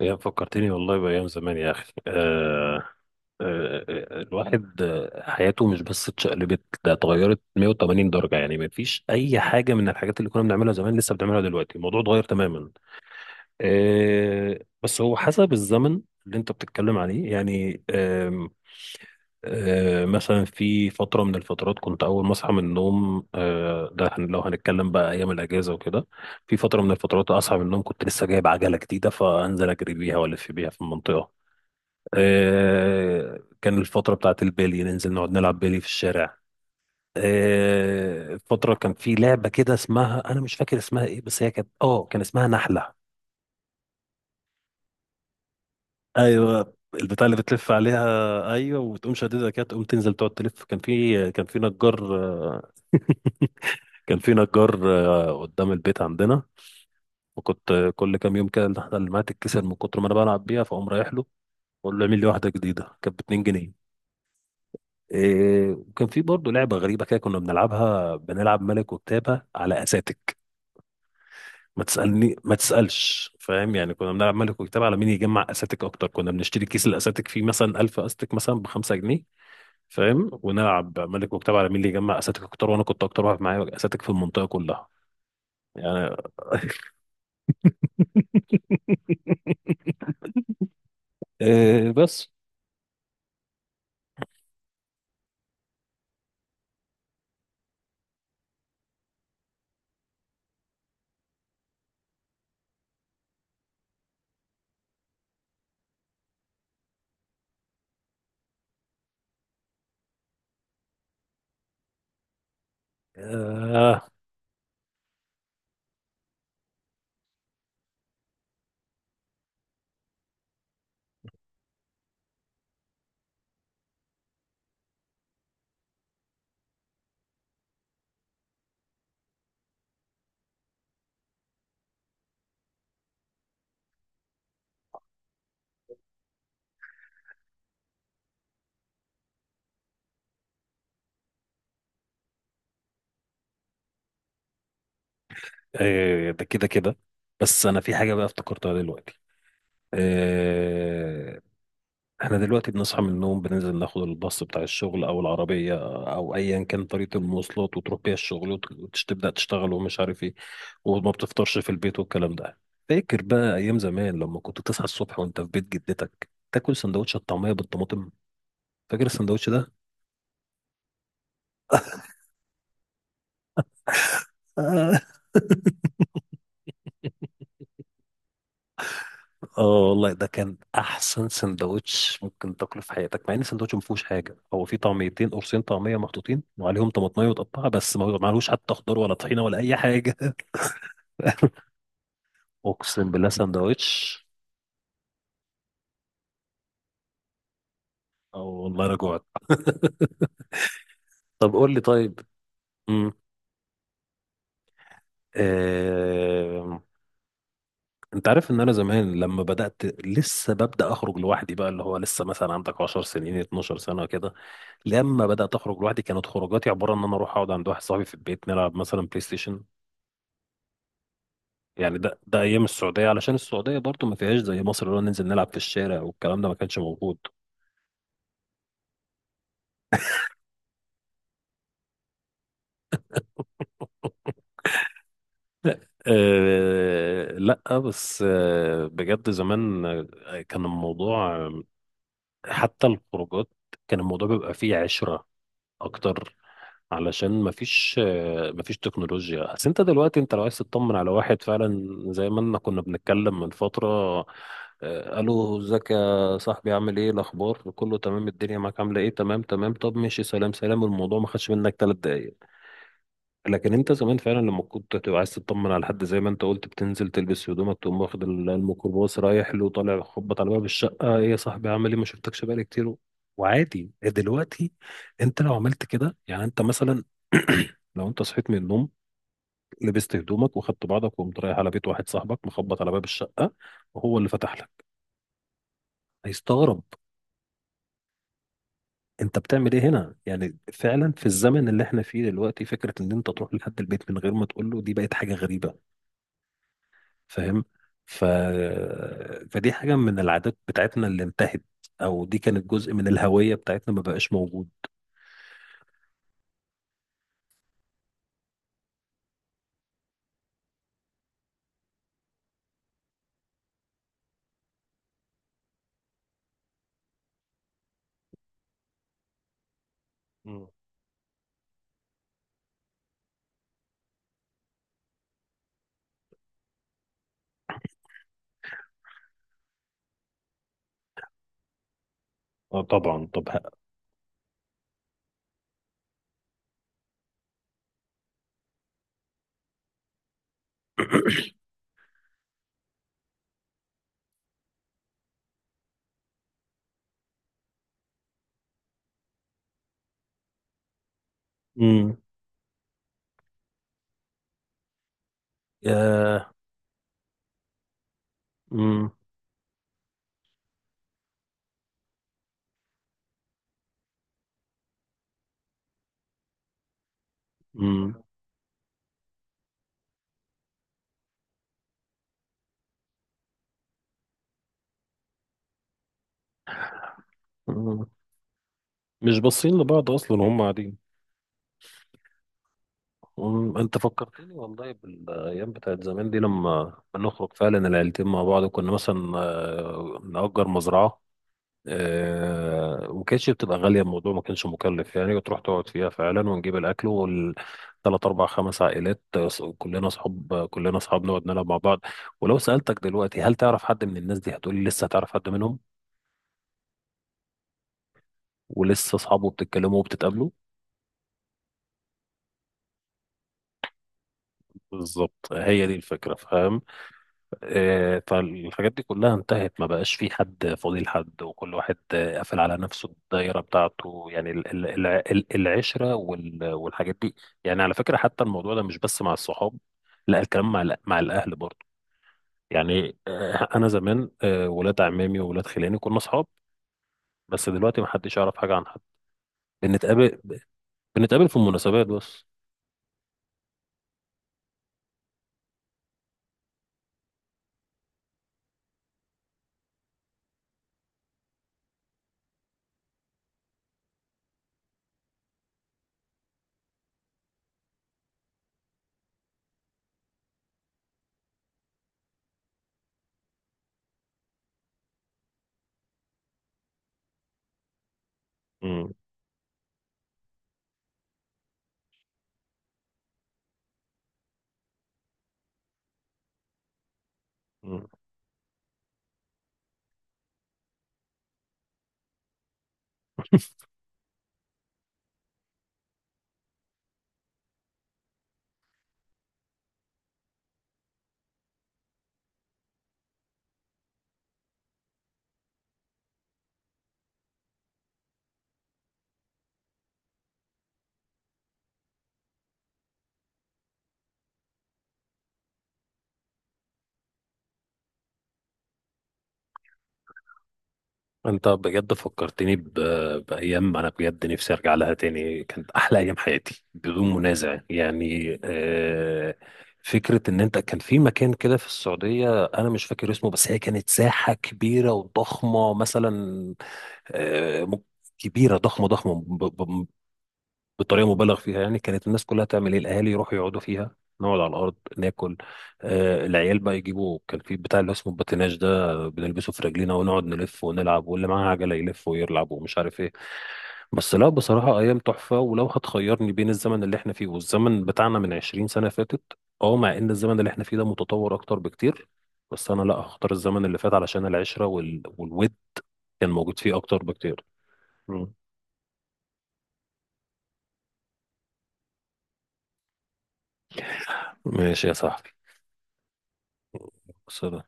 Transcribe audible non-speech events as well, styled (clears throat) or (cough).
فكرتني والله بأيام زمان يا أخي. الواحد حياته مش بس اتشقلبت، ده اتغيرت 180 درجة. يعني ما فيش أي حاجة من الحاجات اللي كنا بنعملها زمان لسه بنعملها دلوقتي، الموضوع اتغير تماما. بس هو حسب الزمن اللي أنت بتتكلم عليه يعني. مثلا في فترة من الفترات كنت أول ما أصحى من النوم، لو هنتكلم بقى أيام الأجازة وكده. في فترة من الفترات أصحى من النوم كنت لسه جايب عجلة جديدة فأنزل أجري بيها وألف بيها في المنطقة. كان الفترة بتاعت البيلي، ننزل نقعد نلعب بيلي في الشارع. فترة كان في لعبة كده اسمها، أنا مش فاكر اسمها إيه، بس هي كان اسمها نحلة. ايوه البتاع اللي بتلف عليها، ايوه، وتقوم شاددها كده تقوم تنزل تقعد تلف. كان في نجار. (laughs) كان في نجار، قدام البيت عندنا. وكنت، كل كام يوم كده النحله اللي معايا تتكسر من كتر ما انا بلعب بيها، فاقوم رايح له واقول له اعمل لي واحده جديده. كانت ب 2 جنيه. إيه، وكان في برضه لعبة غريبة كده كنا بنلعبها، بنلعب ملك وكتابة على أساتك. ما تسألش فاهم، يعني كنا بنلعب ملك وكتابة على مين يجمع أساتك أكتر. كنا بنشتري كيس الأساتك فيه مثلا 1000 أستك مثلا بخمسة جنيه، فاهم، ونلعب ملك وكتابة على مين اللي يجمع أساتك أكتر، وأنا كنت أكتر واحد معايا أساتك في المنطقة كلها يعني. (laughs) إيه بس. آه. إيه ده كده كده. بس أنا في حاجة بقى افتكرتها دلوقتي آه، احنا دلوقتي بنصحى من النوم بننزل ناخد الباص بتاع الشغل او العربية او ايا كان طريقة المواصلات، وتروح بيها الشغل وتبدأ تشتغل ومش عارف ايه، وما بتفطرش في البيت والكلام ده. فاكر بقى ايام زمان لما كنت تصحى الصبح وانت في بيت جدتك تاكل سندوتش الطعمية بالطماطم؟ فاكر السندوتش ده؟ آه. (laughs) اه والله ده كان احسن سندوتش ممكن تاكله في حياتك، مع ان السندوتش ما فيهوش حاجه. هو فيه طعميتين، قرصين طعميه محطوطين وعليهم طماطميه متقطعه بس، ما عليهوش حتى خضار ولا طحينه ولا اي حاجه. (laughs) اقسم بالله سندوتش. او والله انا جوعت. طب قول لي طيب. امم آه... انت عارف ان انا زمان لما بدات، لسه ببدا اخرج لوحدي بقى، اللي هو لسه مثلا عندك 10 سنين 12 سنه كده. لما بدات اخرج لوحدي كانت خروجاتي عباره ان انا اروح اقعد عند واحد صاحبي في البيت نلعب مثلا بلاي ستيشن. يعني ده ايام السعوديه، علشان السعوديه برضو ما فيهاش زي مصر، اللي هو ننزل نلعب في الشارع والكلام ده ما كانش موجود. أه لا، بس بجد زمان، كان الموضوع، حتى الخروجات، كان الموضوع بيبقى فيه عشرة أكتر، علشان مفيش تكنولوجيا. بس أنت دلوقتي، أنت لو عايز تطمن على واحد فعلا زي ما كنا بنتكلم من فترة، ألو ازيك يا صاحبي، عامل إيه، الأخبار كله تمام، الدنيا معاك عاملة إيه، تمام تمام، طب ماشي سلام سلام، الموضوع ما خدش منك تلات دقايق. لكن انت زمان فعلا لما كنت تبقى عايز تطمن على حد زي ما انت قلت بتنزل تلبس هدومك، تقوم واخد الميكروباص رايح له، طالع خبط على باب الشقه، ايه يا صاحبي عامل ايه ما شفتكش بقالي كتير. وعادي دلوقتي انت لو عملت كده يعني، انت مثلا، (clears throat) لو انت صحيت من النوم لبست هدومك وخدت بعضك وقمت رايح على بيت واحد صاحبك مخبط على باب الشقه، وهو اللي فتح لك، هيستغرب. انت بتعمل ايه هنا؟ يعني فعلا في الزمن اللي احنا فيه دلوقتي، فكره ان انت تروح لحد البيت من غير ما تقول له، دي بقت حاجه غريبه. فاهم ف... فدي حاجة من العادات بتاعتنا اللي انتهت، أو دي كانت جزء من الهوية بتاعتنا ما بقاش موجود. مم. اه طبعا. (coughs) مم. يا مم. مم. مم. مش باصين لبعض أصلا هم قاعدين. مم. أنت فكرتني والله بالأيام بتاعت زمان دي. لما بنخرج فعلا العيلتين مع بعض كنا مثلا، نأجر مزرعة، وكانتش بتبقى غالية، الموضوع ما كانش مكلف يعني، وتروح تقعد فيها فعلا ونجيب الأكل، والتلات أربع خمس عائلات، كلنا أصحاب نقعد نلعب مع بعض. ولو سألتك دلوقتي هل تعرف حد من الناس دي، هتقولي لسه هتعرف حد منهم ولسه أصحابه، بتتكلموا وبتتقابلوا؟ بالظبط، هي دي الفكرة. فالحاجات دي كلها انتهت، ما بقاش في حد فاضي لحد، وكل واحد، قافل على نفسه الدايرة بتاعته، يعني العشرة والحاجات دي. يعني على فكرة حتى الموضوع ده مش بس مع الصحاب، لا، الكلام مع مع الأهل برضه. يعني، أنا زمان، ولاد عمامي وولاد خلاني كنا صحاب، بس دلوقتي ما حدش يعرف حاجة عن حد. بنتقابل بنتقابل في المناسبات بس. مم. مم. انت بجد فكرتني بايام انا بجد نفسي ارجع لها تاني، كانت احلى ايام حياتي بدون منازع يعني. فكره ان انت كان في مكان كده في السعوديه، انا مش فاكر اسمه، بس هي كانت ساحه كبيره وضخمه مثلا آه، م- كبيره ضخمه ضخمه بطريقه مبالغ فيها. يعني كانت الناس كلها تعمل ايه، الاهالي يروحوا يقعدوا فيها، نقعد على الارض ناكل. العيال بقى يجيبوا، كان في بتاع اللي اسمه الباتيناج ده بنلبسه في رجلينا ونقعد نلف ونلعب، واللي معاه عجله يلف ويلعب ومش عارف ايه. بس لا بصراحه ايام تحفه، ولو هتخيرني بين الزمن اللي احنا فيه والزمن بتاعنا من 20 سنه فاتت، اه مع ان الزمن اللي احنا فيه ده متطور اكتر بكتير، بس انا لا، هختار الزمن اللي فات، علشان العشره والود كان موجود فيه اكتر بكتير. مم. ماشي يا صاحبي. بس